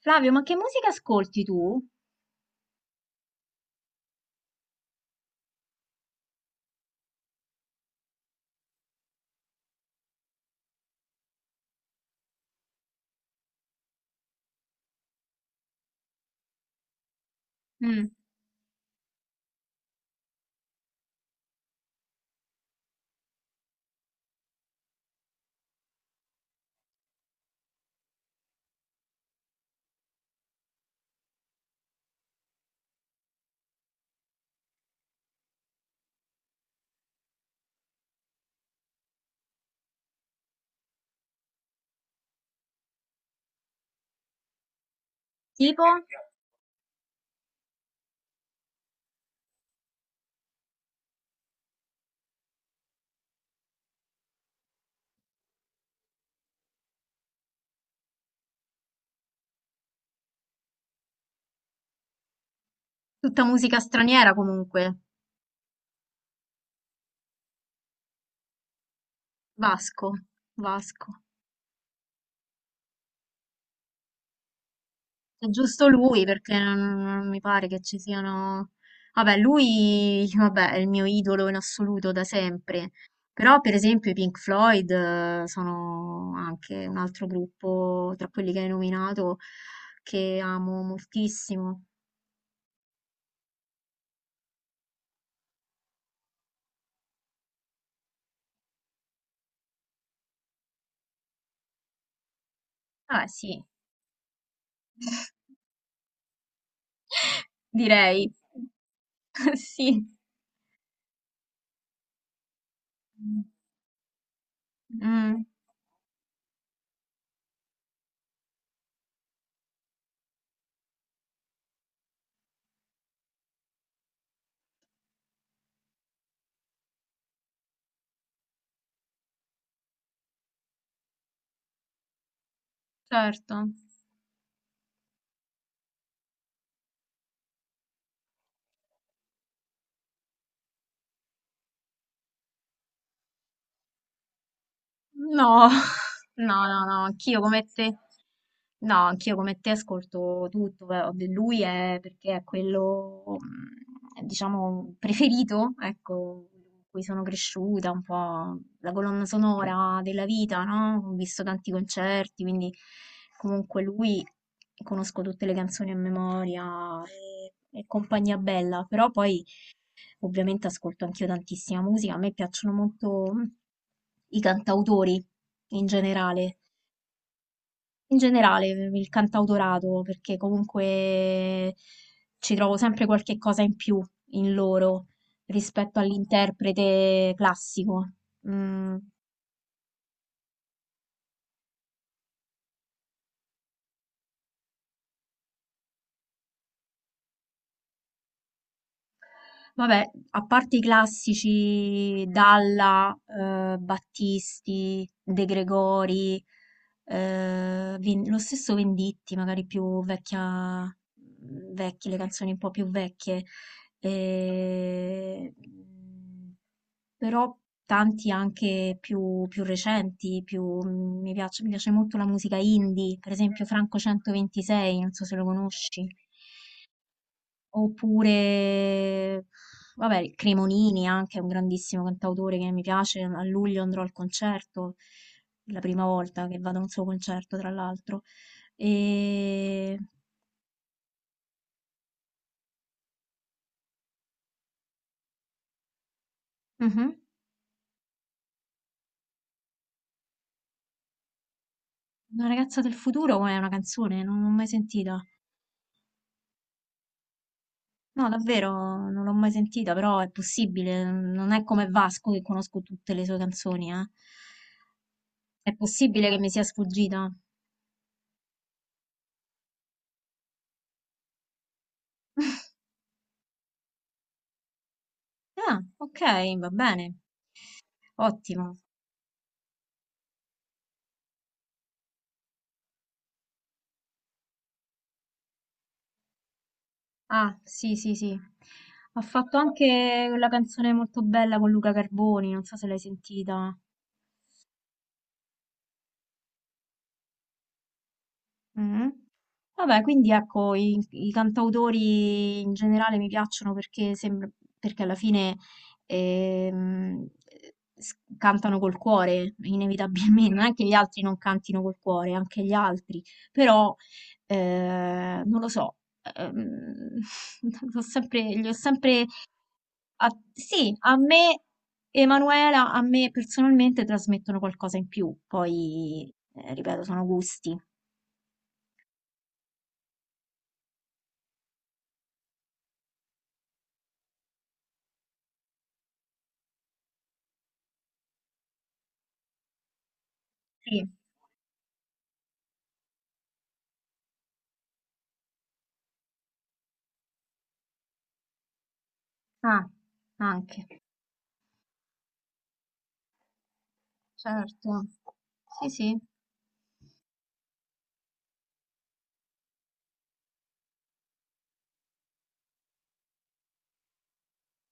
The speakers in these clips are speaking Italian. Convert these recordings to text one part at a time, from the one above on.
Flavio, ma che musica ascolti tu? Mm. Tipo? Tutta musica straniera comunque. Vasco, Vasco. È giusto lui perché non mi pare che ci siano. Vabbè, lui, vabbè, è il mio idolo in assoluto da sempre. Però, per esempio, i Pink Floyd sono anche un altro gruppo tra quelli che hai nominato che amo moltissimo. Vabbè, sì, direi. Sì. Mm. Certo. No, no, no, no, anch'io come te. No, anch'io come te ascolto tutto. Beh, vabbè, lui è perché è quello, diciamo, preferito, ecco, con cui sono cresciuta, un po' la colonna sonora della vita, no? Ho visto tanti concerti, quindi comunque lui conosco tutte le canzoni a memoria e compagnia bella. Però poi ovviamente ascolto anch'io tantissima musica. A me piacciono molto i cantautori in generale, in generale il cantautorato, perché comunque ci trovo sempre qualche cosa in più in loro rispetto all'interprete classico. Mm. Vabbè, a parte i classici Dalla, Battisti, De Gregori, lo stesso Venditti, magari più vecchia, vecchie, le canzoni un po' più vecchie. Eh, però tanti anche più, più recenti, mi piace molto la musica indie, per esempio Franco 126, non so se lo conosci. Oppure, vabbè, il Cremonini anche è un grandissimo cantautore che mi piace. A luglio andrò al concerto, la prima volta che vado a un suo concerto, tra l'altro. E. Mhm. Una ragazza del futuro è una canzone, non l'ho mai sentita. No, davvero, non l'ho mai sentita, però è possibile. Non è come Vasco che conosco tutte le sue canzoni, eh. È possibile che mi sia sfuggita. Ah, ok, va bene, ottimo. Ah, sì, sì, sì. Ha fatto anche quella canzone molto bella con Luca Carboni, non so se l'hai sentita. Mm. Vabbè, quindi ecco, i cantautori in generale mi piacciono perché, sembra, perché alla fine ehm, cantano col cuore, inevitabilmente. Non è che gli altri non cantino col cuore, anche gli altri, però non lo so, ehm, li ho sempre sì, Emanuela, a me personalmente trasmettono qualcosa in più. Poi ripeto, sono gusti. Sì. Ah, anche. Certo. Sì, sì,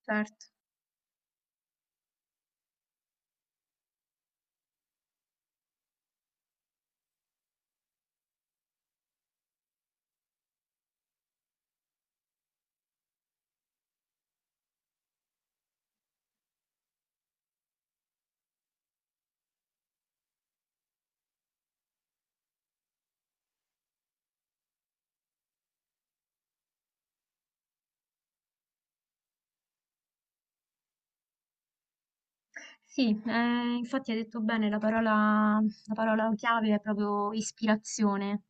certo. Sì, infatti hai detto bene, la parola chiave è proprio ispirazione.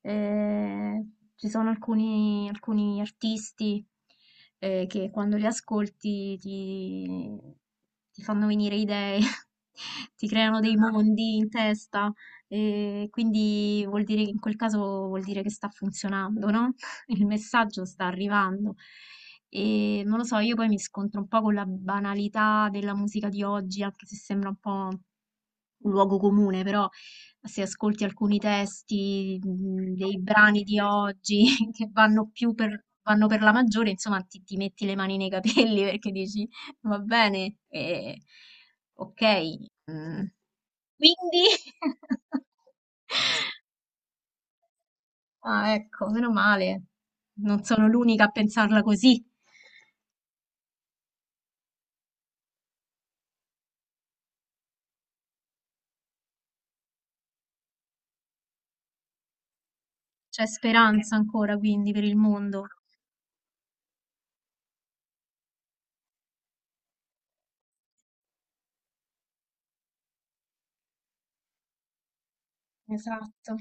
Eh, Ci sono alcuni artisti che quando li ascolti ti fanno venire idee, ti creano dei mondi in testa, e quindi vuol dire che in quel caso vuol dire che sta funzionando, no? Il messaggio sta arrivando. E non lo so, io poi mi scontro un po' con la banalità della musica di oggi, anche se sembra un po' un luogo comune, però se ascolti alcuni testi dei brani di oggi che vanno più per, vanno per la maggiore, insomma, ti metti le mani nei capelli perché dici va bene, ok. mm, Quindi, ah, ecco, meno male, non sono l'unica a pensarla così. C'è speranza ancora quindi per il mondo. Esatto,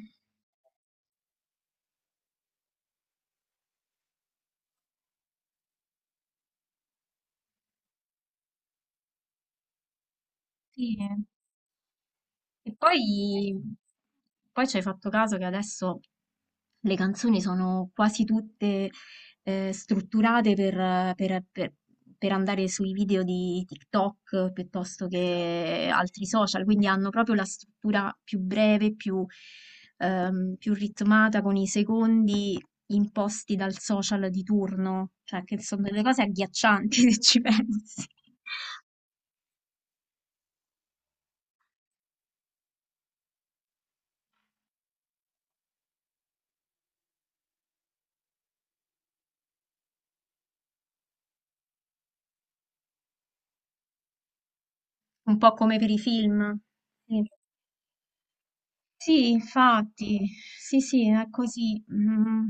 sì. E poi ci hai fatto caso che adesso le canzoni sono quasi tutte strutturate per andare sui video di TikTok piuttosto che altri social, quindi hanno proprio la struttura più breve, più ritmata con i secondi imposti dal social di turno, cioè che sono delle cose agghiaccianti se ci pensi, un po' come per i film. Sì. Sì, infatti, sì, sì, è così,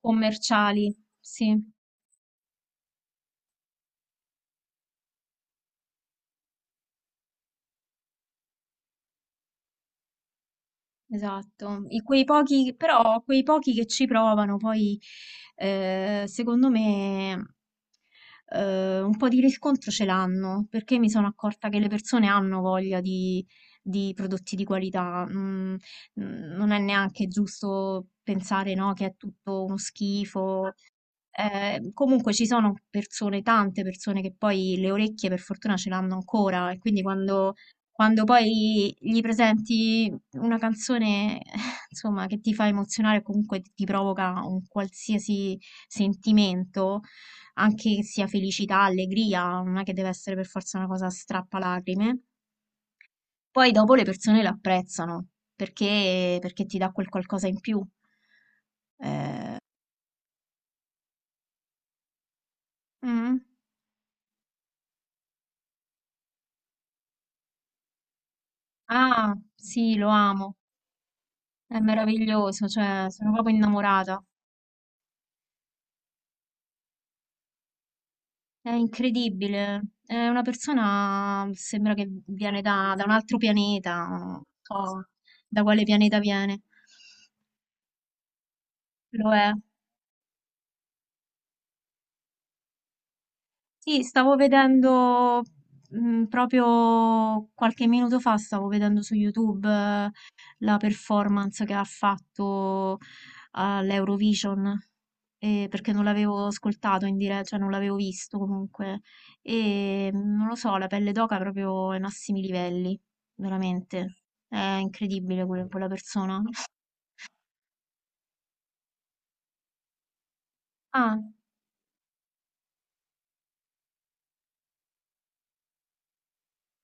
commerciali, sì, esatto. E quei pochi, però quei pochi che ci provano, poi secondo me un po' di riscontro ce l'hanno, perché mi sono accorta che le persone hanno voglia di prodotti di qualità. Non è neanche giusto pensare, no, che è tutto uno schifo. Comunque ci sono persone, tante persone che poi le orecchie per fortuna ce l'hanno ancora e quindi quando, poi gli presenti una canzone, insomma, che ti fa emozionare o comunque ti provoca un qualsiasi sentimento, anche che sia felicità, allegria, non è che deve essere per forza una cosa strappalacrime. Poi dopo le persone lo apprezzano perché ti dà quel qualcosa in più. Eh, mm. Ah, sì, lo amo, è meraviglioso, cioè sono proprio innamorata, è incredibile, è una persona, sembra che viene da un altro pianeta, non so da quale pianeta viene, lo è. Sì, stavo vedendo proprio qualche minuto fa, stavo vedendo su YouTube la performance che ha fatto all'Eurovision, perché non l'avevo ascoltato in diretta, cioè non l'avevo visto comunque. E non lo so, la pelle d'oca è proprio ai massimi livelli, veramente. È incredibile quella persona. Ah,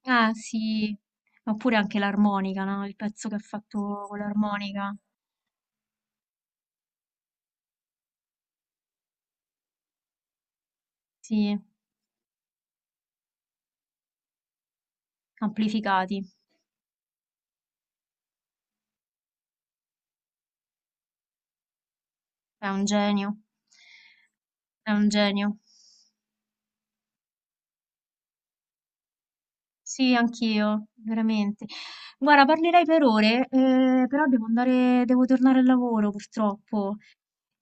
ah, sì, oppure anche l'armonica, no? Il pezzo che ha fatto con l'armonica, sì. Amplificati. È un genio. È un genio. Sì, anch'io, veramente. Guarda, parlerei per ore, però devo andare, devo tornare al lavoro, purtroppo.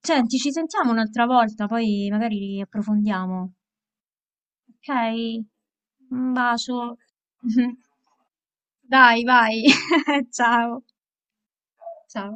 Senti, ci sentiamo un'altra volta, poi magari approfondiamo. Ok? Un bacio. Dai, vai. Ciao. Ciao.